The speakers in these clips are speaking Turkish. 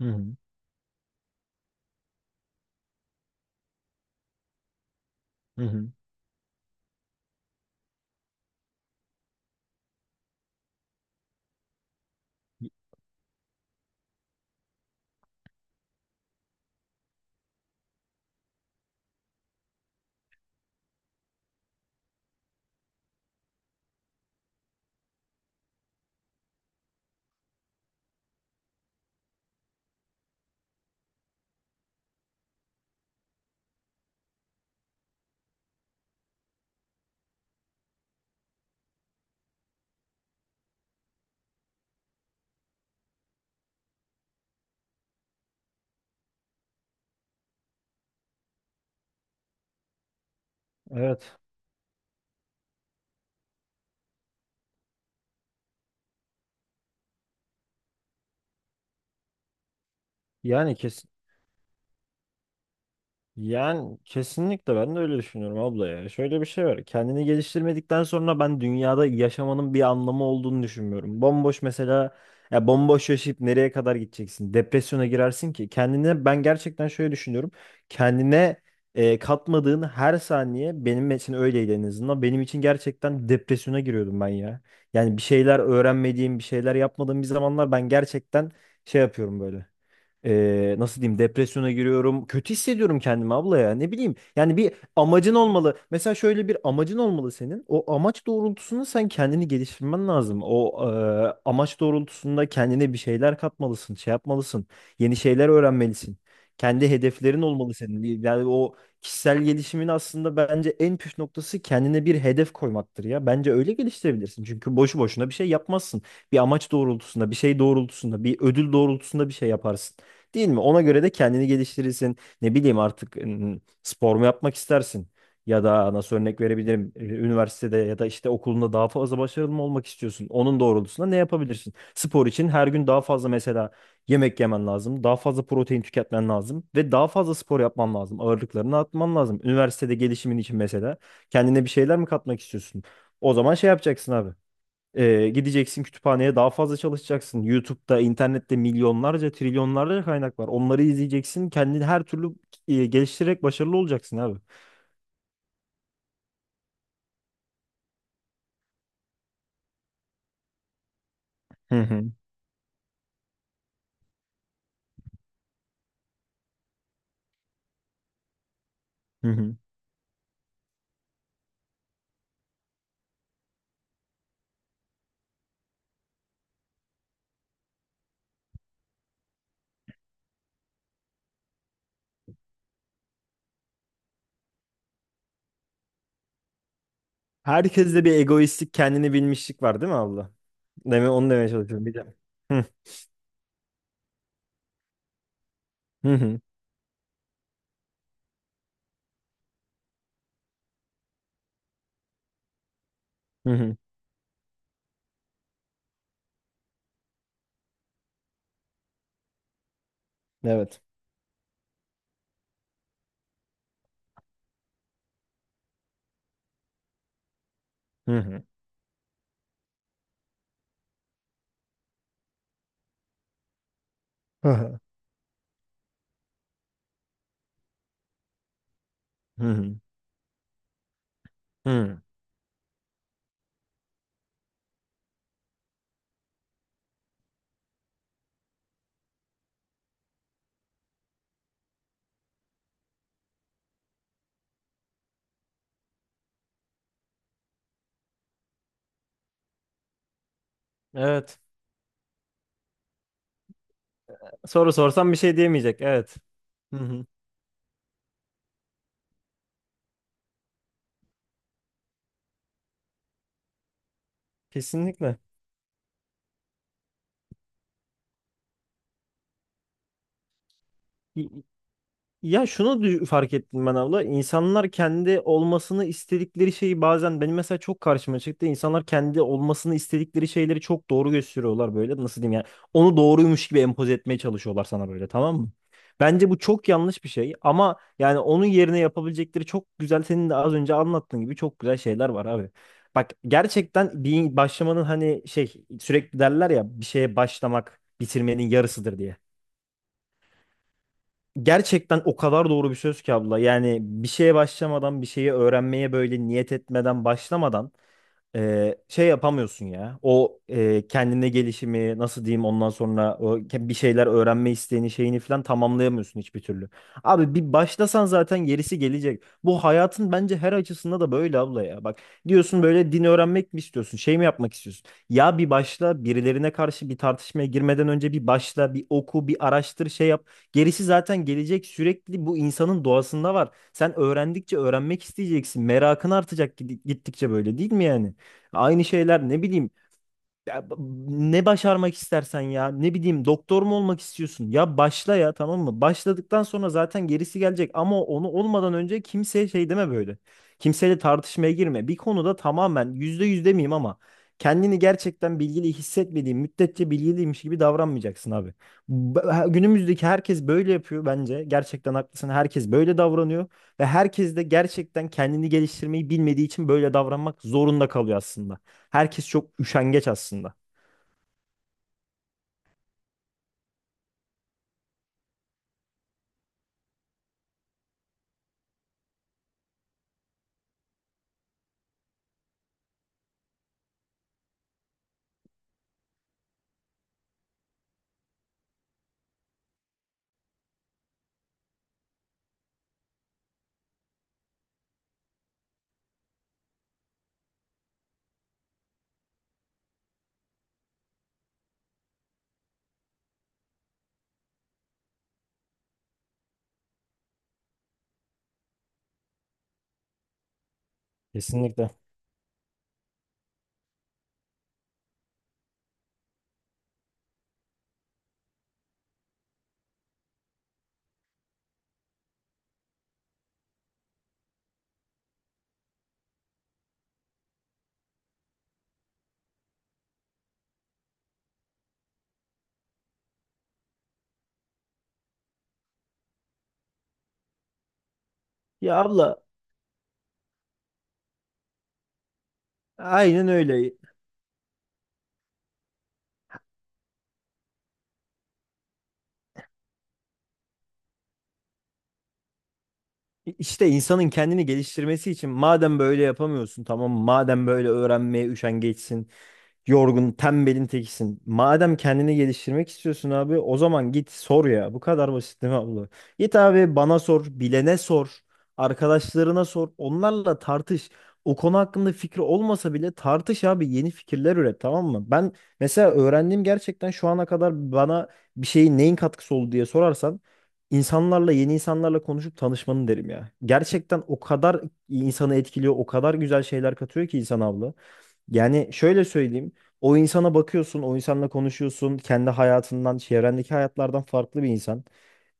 Hı hı. Hı hı. Evet. Yani kes yani kesinlikle ben de öyle düşünüyorum abla ya. Şöyle bir şey var. Kendini geliştirmedikten sonra ben dünyada yaşamanın bir anlamı olduğunu düşünmüyorum. Bomboş mesela ya, bomboş yaşayıp nereye kadar gideceksin? Depresyona girersin ki. Kendine ben gerçekten şöyle düşünüyorum. Kendine katmadığın her saniye benim için öyleydi en azından. Benim için gerçekten depresyona giriyordum ben ya. Yani bir şeyler öğrenmediğim, bir şeyler yapmadığım bir zamanlar ben gerçekten şey yapıyorum böyle. Nasıl diyeyim, depresyona giriyorum. Kötü hissediyorum kendimi abla ya. Ne bileyim. Yani bir amacın olmalı. Mesela şöyle bir amacın olmalı senin. O amaç doğrultusunda sen kendini geliştirmen lazım. O amaç doğrultusunda kendine bir şeyler katmalısın, şey yapmalısın. Yeni şeyler öğrenmelisin. Kendi hedeflerin olmalı senin. Yani o kişisel gelişimin aslında bence en püf noktası kendine bir hedef koymaktır ya. Bence öyle geliştirebilirsin. Çünkü boşu boşuna bir şey yapmazsın. Bir amaç doğrultusunda, bir şey doğrultusunda, bir ödül doğrultusunda bir şey yaparsın. Değil mi? Ona göre de kendini geliştirirsin. Ne bileyim artık spor mu yapmak istersin? Ya da nasıl örnek verebilirim? Üniversitede ya da işte okulunda daha fazla başarılı mı olmak istiyorsun? Onun doğrultusunda ne yapabilirsin? Spor için her gün daha fazla mesela yemek yemen lazım. Daha fazla protein tüketmen lazım. Ve daha fazla spor yapman lazım. Ağırlıklarını atman lazım. Üniversitede gelişimin için mesela kendine bir şeyler mi katmak istiyorsun? O zaman şey yapacaksın abi. Gideceksin kütüphaneye, daha fazla çalışacaksın. YouTube'da, internette milyonlarca, trilyonlarca kaynak var. Onları izleyeceksin. Kendini her türlü geliştirerek başarılı olacaksın abi. Hı hı. Hı hı. Herkeste bir egoistlik, kendini bilmişlik var değil mi abla? Deme onu demeye çalışıyorum bir de. Hı hı, hı hı. Hı. Evet. Hı hı. Hı hı. Hı hı. Hı. Evet. Soru sorsam bir şey diyemeyecek. Evet. Hı hı. Kesinlikle. Ya şunu fark ettim ben abla. İnsanlar kendi olmasını istedikleri şeyi bazen benim mesela çok karşıma çıktı. İnsanlar kendi olmasını istedikleri şeyleri çok doğru gösteriyorlar böyle. Nasıl diyeyim yani? Onu doğruymuş gibi empoze etmeye çalışıyorlar sana böyle, tamam mı? Bence bu çok yanlış bir şey ama yani onun yerine yapabilecekleri çok güzel, senin de az önce anlattığın gibi çok güzel şeyler var abi. Bak gerçekten bir başlamanın hani şey, sürekli derler ya bir şeye başlamak bitirmenin yarısıdır diye. Gerçekten o kadar doğru bir söz ki abla. Yani bir şeye başlamadan, bir şeyi öğrenmeye böyle niyet etmeden, başlamadan şey yapamıyorsun ya. O kendine gelişimi, nasıl diyeyim, ondan sonra o bir şeyler öğrenme isteğini şeyini falan tamamlayamıyorsun hiçbir türlü. Abi bir başlasan zaten gerisi gelecek. Bu hayatın bence her açısında da böyle abla ya. Bak, diyorsun böyle, din öğrenmek mi istiyorsun? Şey mi yapmak istiyorsun? Ya bir başla, birilerine karşı bir tartışmaya girmeden önce bir başla, bir oku, bir araştır, şey yap. Gerisi zaten gelecek. Sürekli bu insanın doğasında var. Sen öğrendikçe öğrenmek isteyeceksin. Merakın artacak gittikçe, böyle değil mi yani? Aynı şeyler ne bileyim ya, ne başarmak istersen, ya ne bileyim, doktor mu olmak istiyorsun ya başla ya, tamam mı? Başladıktan sonra zaten gerisi gelecek ama onu olmadan önce kimseye şey deme böyle. Kimseyle tartışmaya girme. Bir konuda tamamen yüzde yüz demeyeyim ama kendini gerçekten bilgili hissetmediğin müddetçe bilgiliymiş gibi davranmayacaksın abi. Günümüzdeki herkes böyle yapıyor bence. Gerçekten haklısın. Herkes böyle davranıyor ve herkes de gerçekten kendini geliştirmeyi bilmediği için böyle davranmak zorunda kalıyor aslında. Herkes çok üşengeç aslında. Kesinlikle. Ya abla, aynen öyle. İşte insanın kendini geliştirmesi için madem böyle yapamıyorsun, tamam mı? Madem böyle öğrenmeye üşengeçsin, yorgun, tembelin tekisin. Madem kendini geliştirmek istiyorsun abi, o zaman git sor ya. Bu kadar basit değil mi abla? Git abi, bana sor, bilene sor, arkadaşlarına sor, onlarla tartış. O konu hakkında fikri olmasa bile tartış abi, yeni fikirler üret, tamam mı? Ben mesela öğrendiğim, gerçekten şu ana kadar bana bir şeyin, neyin katkısı oldu diye sorarsan, insanlarla, yeni insanlarla konuşup tanışmanın derim ya. Gerçekten o kadar insanı etkiliyor, o kadar güzel şeyler katıyor ki insan abla. Yani şöyle söyleyeyim. O insana bakıyorsun, o insanla konuşuyorsun. Kendi hayatından, çevrendeki hayatlardan farklı bir insan.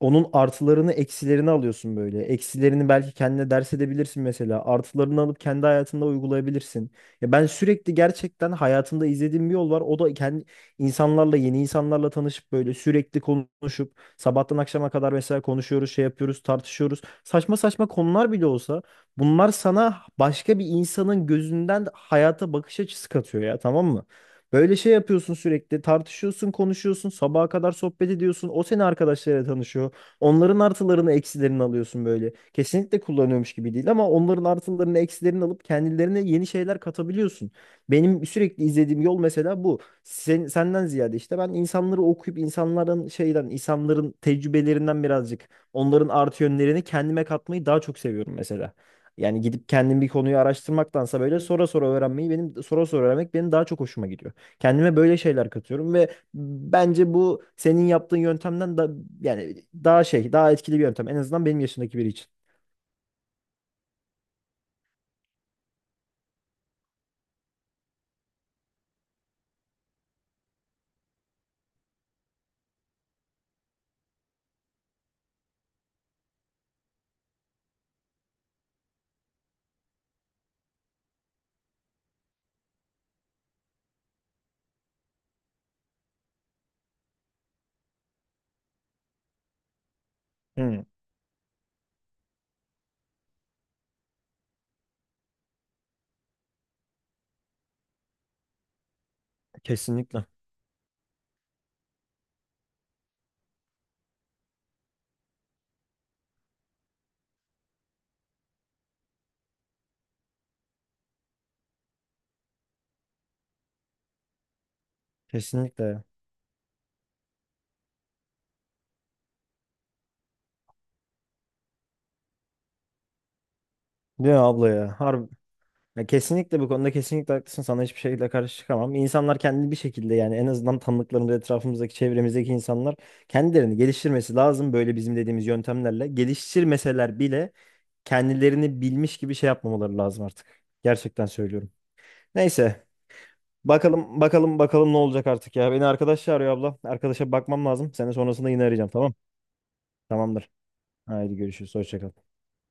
Onun artılarını eksilerini alıyorsun böyle. Eksilerini belki kendine ders edebilirsin mesela. Artılarını alıp kendi hayatında uygulayabilirsin. Ya ben sürekli gerçekten hayatımda izlediğim bir yol var. O da kendi insanlarla, yeni insanlarla tanışıp böyle sürekli konuşup sabahtan akşama kadar mesela konuşuyoruz, şey yapıyoruz, tartışıyoruz. Saçma saçma konular bile olsa bunlar sana başka bir insanın gözünden hayata bakış açısı katıyor ya, tamam mı? Böyle şey yapıyorsun, sürekli tartışıyorsun, konuşuyorsun, sabaha kadar sohbet ediyorsun, o seni arkadaşlarıyla tanışıyor. Onların artılarını eksilerini alıyorsun böyle. Kesinlikle kullanıyormuş gibi değil ama onların artılarını eksilerini alıp kendilerine yeni şeyler katabiliyorsun. Benim sürekli izlediğim yol mesela bu. Sen, senden ziyade işte ben insanları okuyup, insanların şeyden, insanların tecrübelerinden birazcık onların artı yönlerini kendime katmayı daha çok seviyorum mesela. Yani gidip kendim bir konuyu araştırmaktansa böyle sonra sonra öğrenmeyi, benim sonra sonra öğrenmek benim daha çok hoşuma gidiyor. Kendime böyle şeyler katıyorum ve bence bu senin yaptığın yöntemden da yani daha şey, daha etkili bir yöntem. En azından benim yaşımdaki biri için. Hı, kesinlikle. Kesinlikle ya. Değil mi abla ya? Harbi. Ya kesinlikle, bu konuda kesinlikle haklısın. Sana hiçbir şekilde karşı çıkamam. İnsanlar kendini bir şekilde, yani en azından tanıdıklarımız, etrafımızdaki, çevremizdeki insanlar kendilerini geliştirmesi lazım. Böyle bizim dediğimiz yöntemlerle. Geliştirmeseler bile kendilerini bilmiş gibi şey yapmamaları lazım artık. Gerçekten söylüyorum. Neyse. Bakalım, bakalım, bakalım ne olacak artık ya. Beni arkadaş çağırıyor abla. Arkadaşa bakmam lazım. Seni sonrasında yine arayacağım, tamam. Tamamdır. Haydi görüşürüz. Hoşça kal.